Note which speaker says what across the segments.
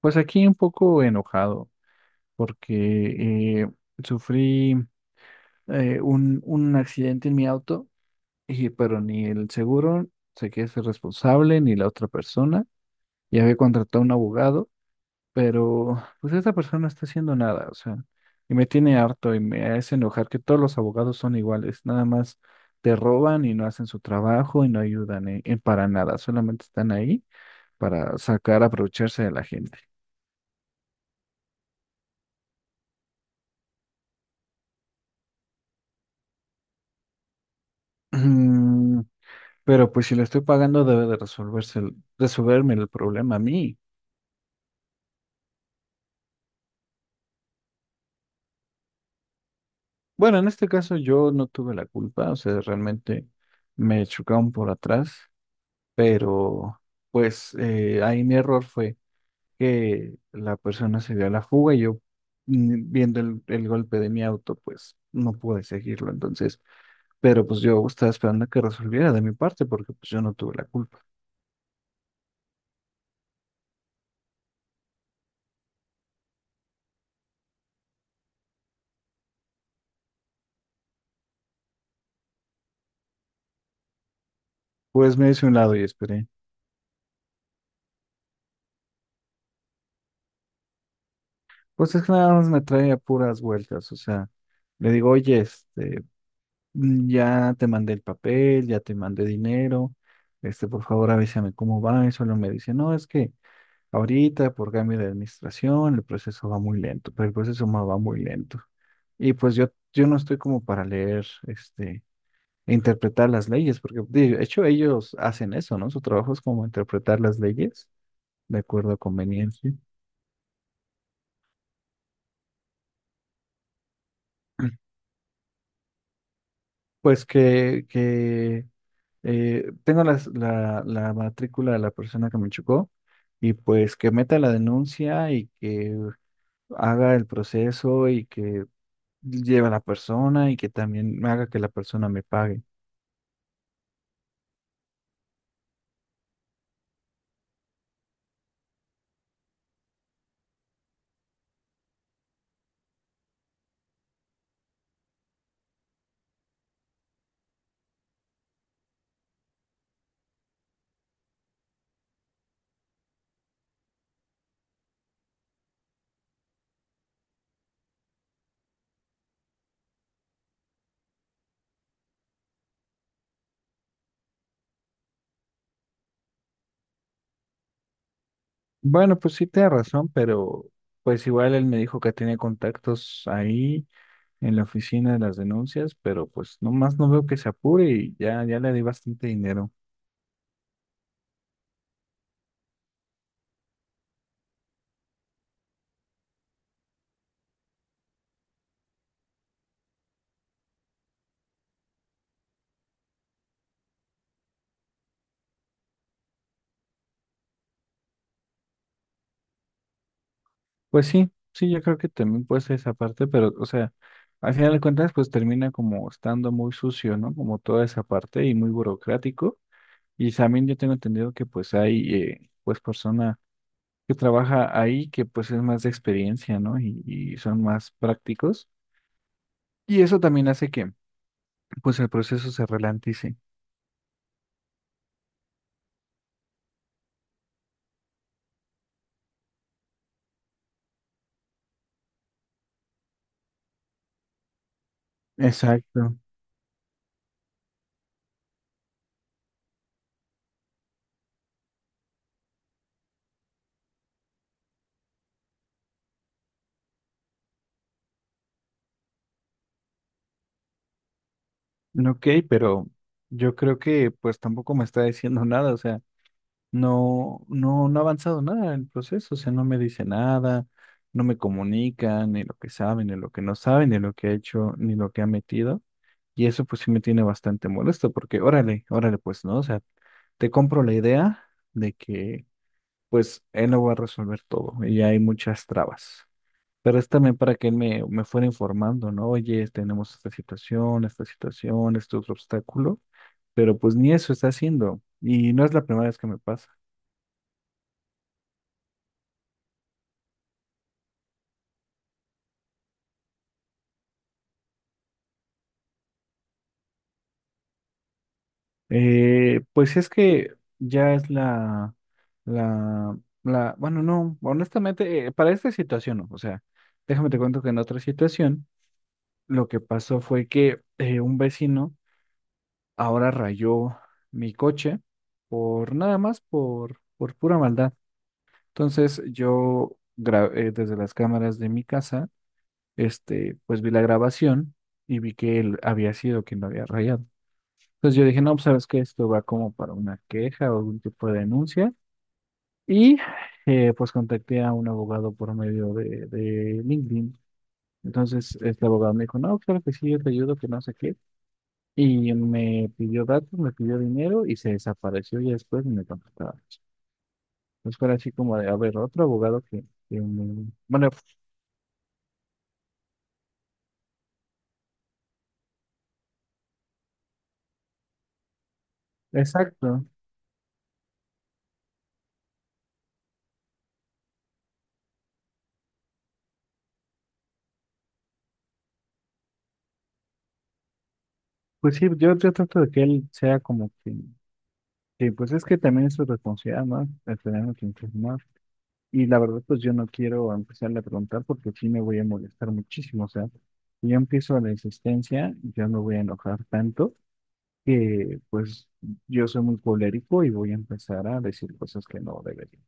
Speaker 1: Pues aquí un poco enojado porque sufrí un accidente en mi auto, y, pero ni el seguro se quiere ser responsable, ni la otra persona. Ya había contratado un abogado, pero pues esta persona no está haciendo nada, o sea, y me tiene harto y me hace enojar que todos los abogados son iguales, nada más te roban y no hacen su trabajo y no ayudan en para nada, solamente están ahí para sacar, aprovecharse de la gente. Pero pues si le estoy pagando debe de resolverse resolverme el problema a mí. Bueno, en este caso yo no tuve la culpa, o sea, realmente me chocaron por atrás, pero pues ahí mi error fue que la persona se dio a la fuga y yo viendo el golpe de mi auto, pues no pude seguirlo. Entonces, pero pues yo estaba esperando que resolviera de mi parte porque pues yo no tuve la culpa. Pues me hice a un lado y esperé. Pues es que nada más me trae a puras vueltas, o sea, le digo, oye, este, ya te mandé el papel, ya te mandé dinero, este, por favor avísame cómo va, y solo me dice, no, es que ahorita por cambio de administración el proceso va muy lento, pero el proceso va muy lento. Y pues yo no estoy como para leer, este, e interpretar las leyes, porque de hecho ellos hacen eso, ¿no? Su trabajo es como interpretar las leyes de acuerdo a conveniencia. Pues que tengo la matrícula de la persona que me chocó y pues que meta la denuncia y que haga el proceso y que lleve a la persona y que también haga que la persona me pague. Bueno, pues sí tiene razón, pero pues igual él me dijo que tiene contactos ahí en la oficina de las denuncias, pero pues nomás no veo que se apure y ya, ya le di bastante dinero. Pues sí, sí, yo creo que también puede ser esa parte, pero, o sea, al final de cuentas, pues termina como estando muy sucio, ¿no? Como toda esa parte y muy burocrático. Y también yo tengo entendido que pues hay, pues persona que trabaja ahí que pues es más de experiencia, ¿no? Y son más prácticos. Y eso también hace que pues el proceso se ralentice. Exacto. Ok, pero yo creo que pues tampoco me está diciendo nada, o sea. No, no, no ha avanzado nada el proceso, o sea, no me dice nada, no me comunica ni lo que sabe, ni lo que no sabe, ni lo que ha hecho, ni lo que ha metido. Y eso pues sí me tiene bastante molesto, porque órale, órale, pues, ¿no? O sea, te compro la idea de que pues él lo va a resolver todo y hay muchas trabas. Pero es también para que él me fuera informando, ¿no? Oye, tenemos esta situación, este otro obstáculo, pero pues ni eso está haciendo. Y no es la primera vez que me pasa. Pues es que ya es la, bueno, no, honestamente, para esta situación, no, o sea, déjame te cuento que en otra situación, lo que pasó fue que un vecino ahora rayó mi coche por nada más, por pura maldad. Entonces yo desde las cámaras de mi casa, este, pues vi la grabación y vi que él había sido quien lo había rayado. Pues yo dije, no, pues sabes que esto va como para una queja o algún tipo de denuncia. Y pues contacté a un abogado por medio de LinkedIn. Entonces este abogado me dijo, no, claro que sí, yo te ayudo, que no sé qué. Y me pidió datos, me pidió dinero y se desapareció y después ni me contactaba. Entonces fue así como de, a ver, otro abogado que me- Bueno, exacto. Pues sí, yo trato de que él sea como que, pues es que también es su responsabilidad, ¿no? El tener que informar. Y la verdad, pues yo no quiero empezarle a preguntar porque sí me voy a molestar muchísimo. O sea, si yo empiezo la insistencia, yo me voy a enojar tanto que pues yo soy muy colérico y voy a empezar a decir cosas que no debería.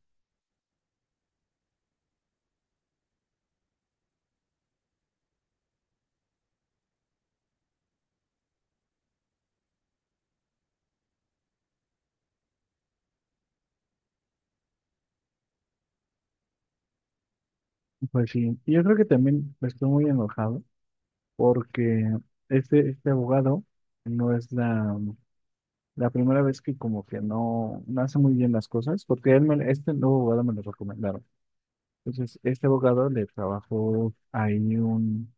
Speaker 1: Pues sí, y yo creo que también estoy muy enojado porque este abogado no es la primera vez que como que no, no hace muy bien las cosas porque él este nuevo abogado me lo recomendaron. Entonces, este abogado le trabajó ahí un,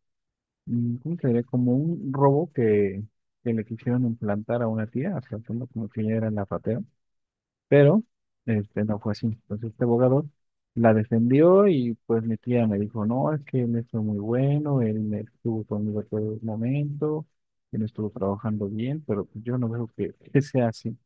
Speaker 1: ¿cómo se diría? Como un robo que le quisieron implantar a una tía, tratando como que ella era la ratera, pero este, no fue así. Entonces este abogado la defendió y pues mi tía me dijo, no, es que él es muy bueno, él estuvo conmigo todo el momento, él estuvo trabajando bien, pero pues, yo no veo que sea así.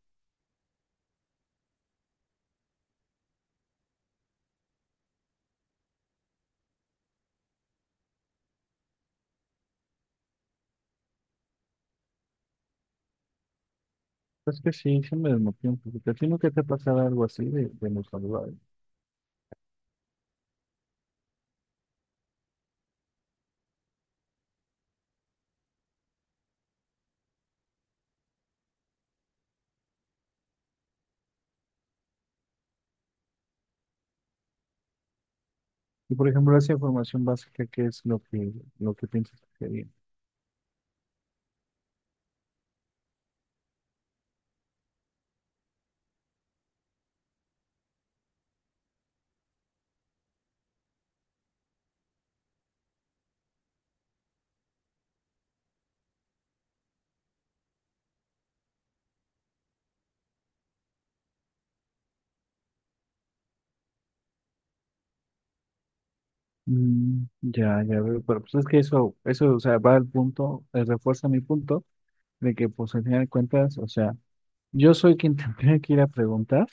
Speaker 1: Es que sí, se me desmotivó un poquito. ¿A ti nunca te ha pasado algo así de los abogados? Y por ejemplo, esa información básica, ¿qué es lo que piensas que sería? Mm, ya veo, pero pues es que o sea, va al punto, refuerza mi punto de que, pues, al final de cuentas, o sea, yo soy quien tendría que ir a preguntar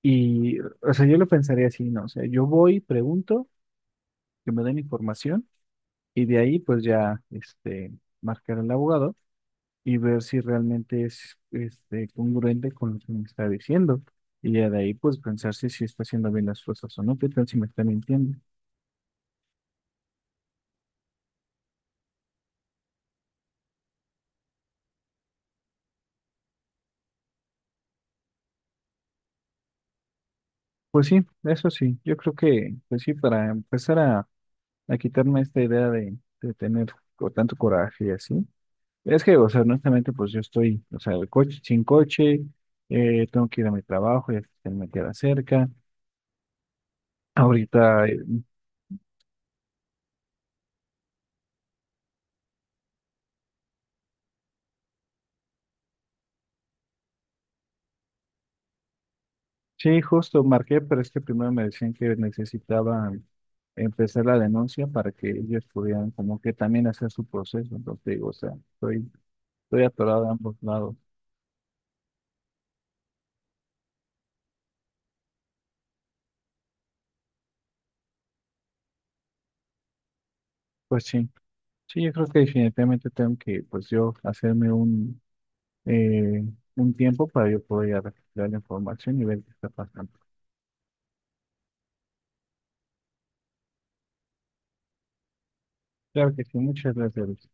Speaker 1: y, o sea, yo lo pensaría así, ¿no? O sea, yo voy, pregunto, que me den información y de ahí, pues, ya, este, marcar al abogado y ver si realmente es, este, congruente con lo que me está diciendo y ya de ahí, pues, pensar si, si está haciendo bien las cosas o no, qué tal si me está mintiendo. Pues sí, eso sí, yo creo que, pues sí, para empezar a quitarme esta idea de tener tanto coraje y así. Es que, o sea, honestamente, pues yo estoy, o sea, el coche, sin coche, tengo que ir a mi trabajo, ya que me queda cerca. Ahorita, sí, justo marqué, pero es que primero me decían que necesitaba empezar la denuncia para que ellos pudieran como que también hacer su proceso. Entonces, digo, o sea, estoy atorado de ambos lados. Pues sí. Sí, yo creo que definitivamente tengo que, pues yo, hacerme eh, un tiempo para yo poder ir a recopilar la información y ver qué está pasando. Claro que sí, muchas gracias.